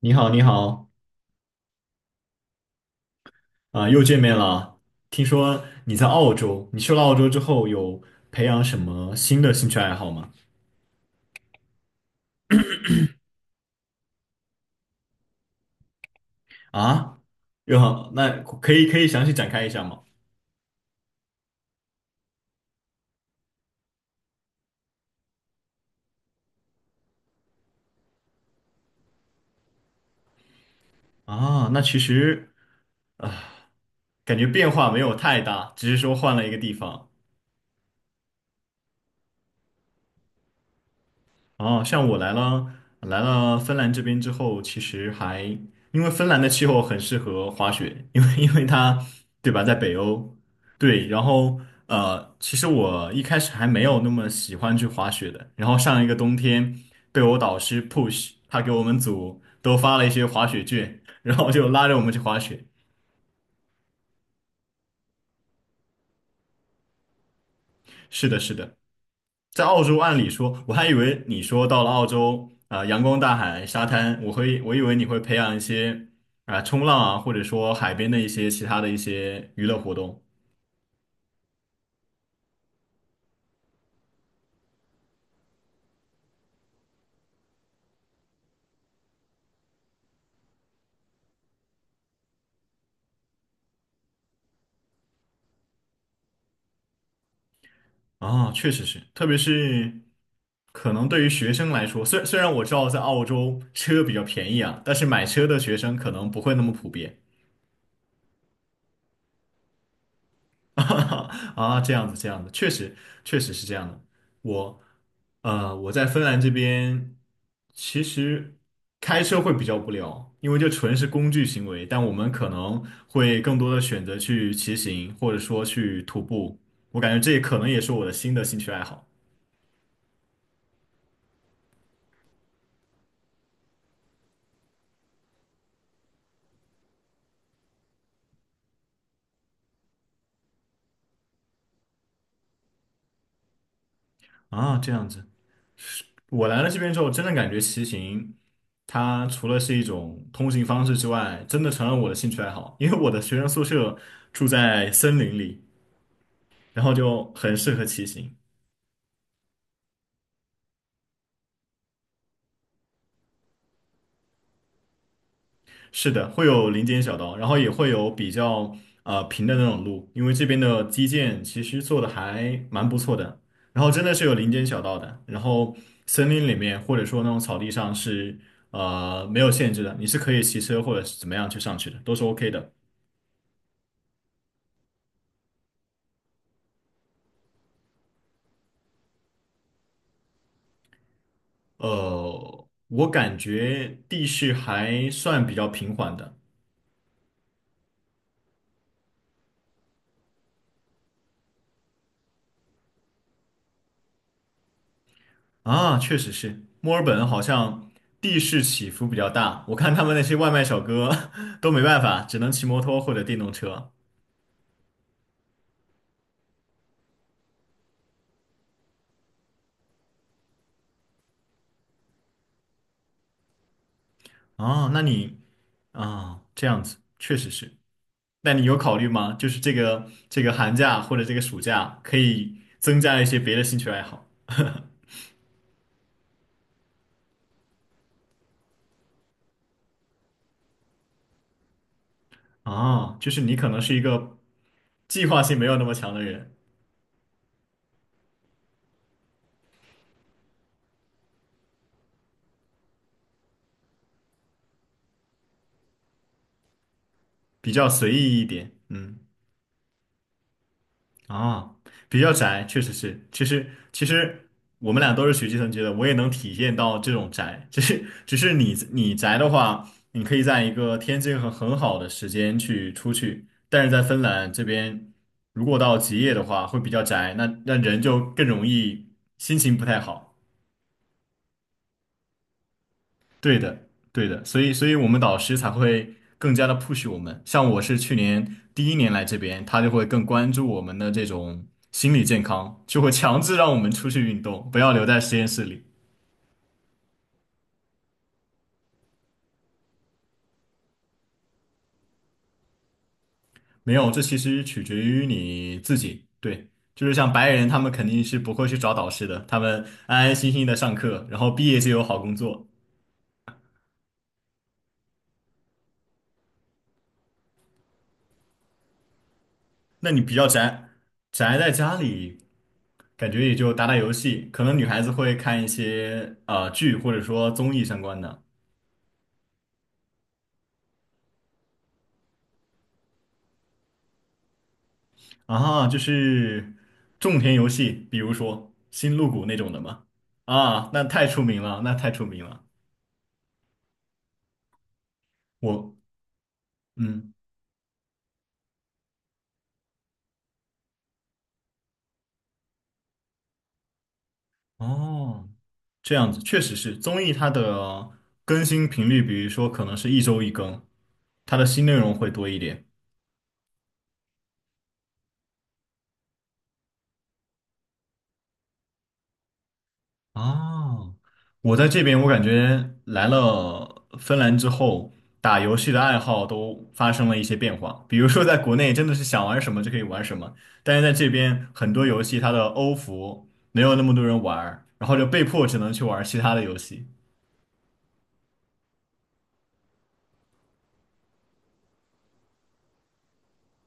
你好，你好，啊、又见面了。听说你在澳洲，你去了澳洲之后有培养什么新的兴趣爱好吗？啊，又好，那可以详细展开一下吗？啊，那其实啊，感觉变化没有太大，只是说换了一个地方。啊，像我来了芬兰这边之后，其实还因为芬兰的气候很适合滑雪，因为它对吧，在北欧，对，然后其实我一开始还没有那么喜欢去滑雪的，然后上一个冬天被我导师 push，他给我们组都发了一些滑雪券，然后就拉着我们去滑雪。是的，是的。在澳洲，按理说，我还以为你说到了澳洲啊、阳光大海、沙滩，我以为你会培养一些啊、冲浪啊，或者说海边的一些其他的一些娱乐活动啊、确实是，特别是可能对于学生来说，虽然我知道在澳洲车比较便宜啊，但是买车的学生可能不会那么普遍。啊，这样子，这样子，确实，确实是这样的。我，我在芬兰这边，其实开车会比较无聊，因为这纯是工具行为，但我们可能会更多的选择去骑行，或者说去徒步。我感觉这可能也是我的新的兴趣爱好啊，这样子。我来了这边之后，真的感觉骑行，它除了是一种通行方式之外，真的成了我的兴趣爱好，因为我的学生宿舍住在森林里。然后就很适合骑行。是的，会有林间小道，然后也会有比较平的那种路，因为这边的基建其实做的还蛮不错的。然后真的是有林间小道的，然后森林里面或者说那种草地上是没有限制的，你是可以骑车或者是怎么样去上去的，都是 OK 的。我感觉地势还算比较平缓的。啊，确实是，墨尔本好像地势起伏比较大，我看他们那些外卖小哥 都没办法，只能骑摩托或者电动车。哦，那你啊，这样子确实是。那你有考虑吗？就是这个寒假或者这个暑假，可以增加一些别的兴趣爱好。啊，就是你可能是一个计划性没有那么强的人，比较随意一点。嗯。啊，比较宅，确实是。其实我们俩都是学计算机的，我也能体现到这种宅。只是你宅的话，你可以在一个天气很好的时间去出去，但是在芬兰这边，如果到极夜的话，会比较宅，那人就更容易心情不太好。对的，对的，所以我们导师才会更加的 push 我们。像我是去年第一年来这边，他就会更关注我们的这种心理健康，就会强制让我们出去运动，不要留在实验室里。没有，这其实取决于你自己。对，就是像白人，他们肯定是不会去找导师的，他们安安心心的上课，然后毕业就有好工作。那你比较宅，宅在家里，感觉也就打打游戏，可能女孩子会看一些剧或者说综艺相关的啊，就是种田游戏，比如说《星露谷》那种的嘛。啊，那太出名了，那太出名了。我嗯哦，这样子确实是综艺它的更新频率，比如说可能是一周一更，它的新内容会多一点。哦，我在这边，我感觉来了芬兰之后，打游戏的爱好都发生了一些变化。比如说，在国内真的是想玩什么就可以玩什么，但是在这边很多游戏它的欧服没有那么多人玩儿然后就被迫只能去玩其他的游戏。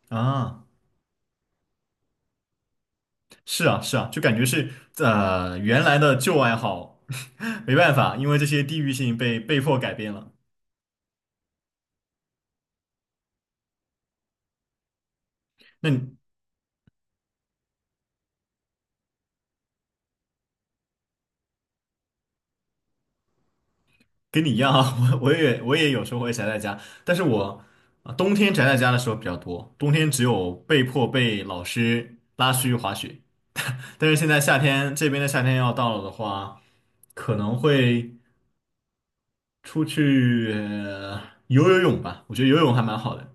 啊，是啊，是啊，就感觉是原来的旧爱好，没办法，因为这些地域性被迫改变了。那你跟你一样啊，我也有时候会宅在家，但是冬天宅在家的时候比较多，冬天只有被迫被老师拉出去滑雪，但是现在夏天这边的夏天要到了的话，可能会出去游泳吧，我觉得游泳还蛮好的。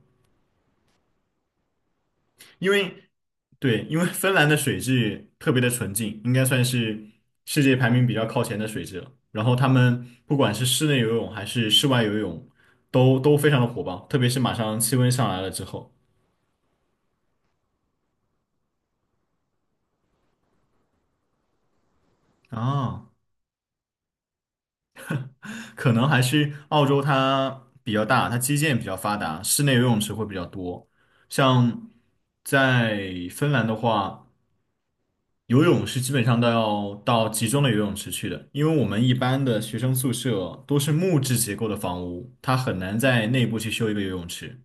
因为对，因为芬兰的水质特别的纯净，应该算是世界排名比较靠前的水质了。然后他们不管是室内游泳还是室外游泳，都非常的火爆，特别是马上气温上来了之后啊，可能还是澳洲它比较大，它基建比较发达，室内游泳池会比较多。像在芬兰的话。游泳是基本上都要到集中的游泳池去的，因为我们一般的学生宿舍都是木质结构的房屋，它很难在内部去修一个游泳池。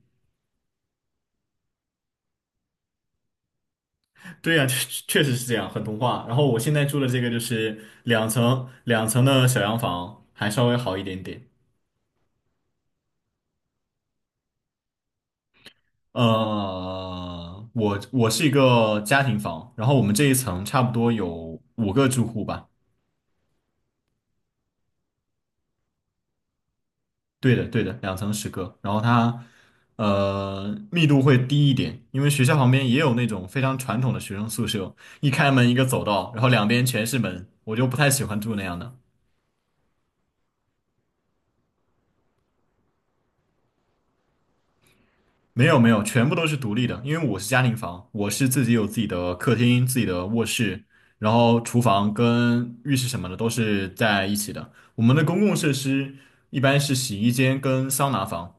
对呀，确实是这样，很童话。然后我现在住的这个就是两层的小洋房，还稍微好一点点。我是一个家庭房，然后我们这一层差不多有五个住户吧。对的，对的，两层十个，然后它密度会低一点，因为学校旁边也有那种非常传统的学生宿舍，一开门一个走道，然后两边全是门，我就不太喜欢住那样的。没有没有，全部都是独立的，因为我是家庭房，我是自己有自己的客厅、自己的卧室，然后厨房跟浴室什么的都是在一起的。我们的公共设施一般是洗衣间跟桑拿房。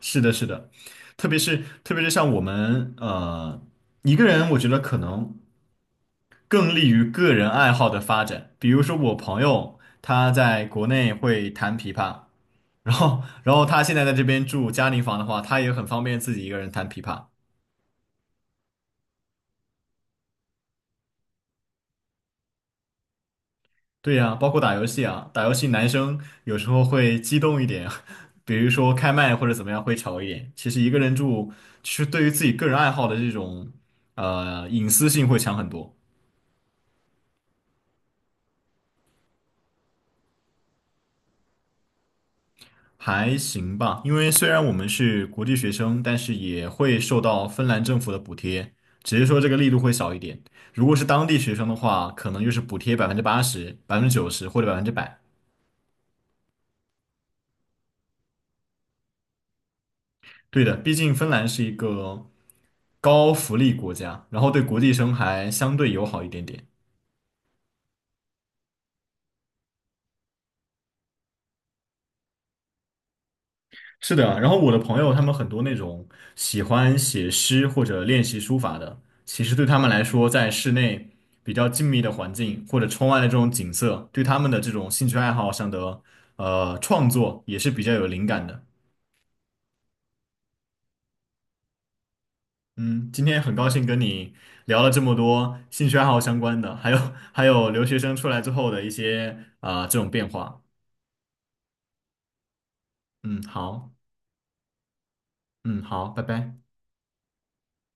是的，是的，特别是像我们一个人，我觉得可能更利于个人爱好的发展。比如说我朋友他在国内会弹琵琶，然后他现在在这边住嘉陵房的话，他也很方便自己一个人弹琵琶。对呀，包括打游戏啊，打游戏男生有时候会激动一点，比如说开麦或者怎么样会吵一点。其实一个人住，其实对于自己个人爱好的这种隐私性会强很多。还行吧，因为虽然我们是国际学生，但是也会受到芬兰政府的补贴，只是说这个力度会小一点。如果是当地学生的话，可能就是补贴80%、90%或者100%。对的，毕竟芬兰是一个高福利国家，然后对国际生还相对友好一点点。是的，然后我的朋友他们很多那种喜欢写诗或者练习书法的，其实对他们来说，在室内比较静谧的环境或者窗外的这种景色，对他们的这种兴趣爱好上的创作也是比较有灵感的。嗯，今天很高兴跟你聊了这么多兴趣爱好相关的，还有留学生出来之后的一些啊、这种变化。嗯，好，嗯，好，拜拜。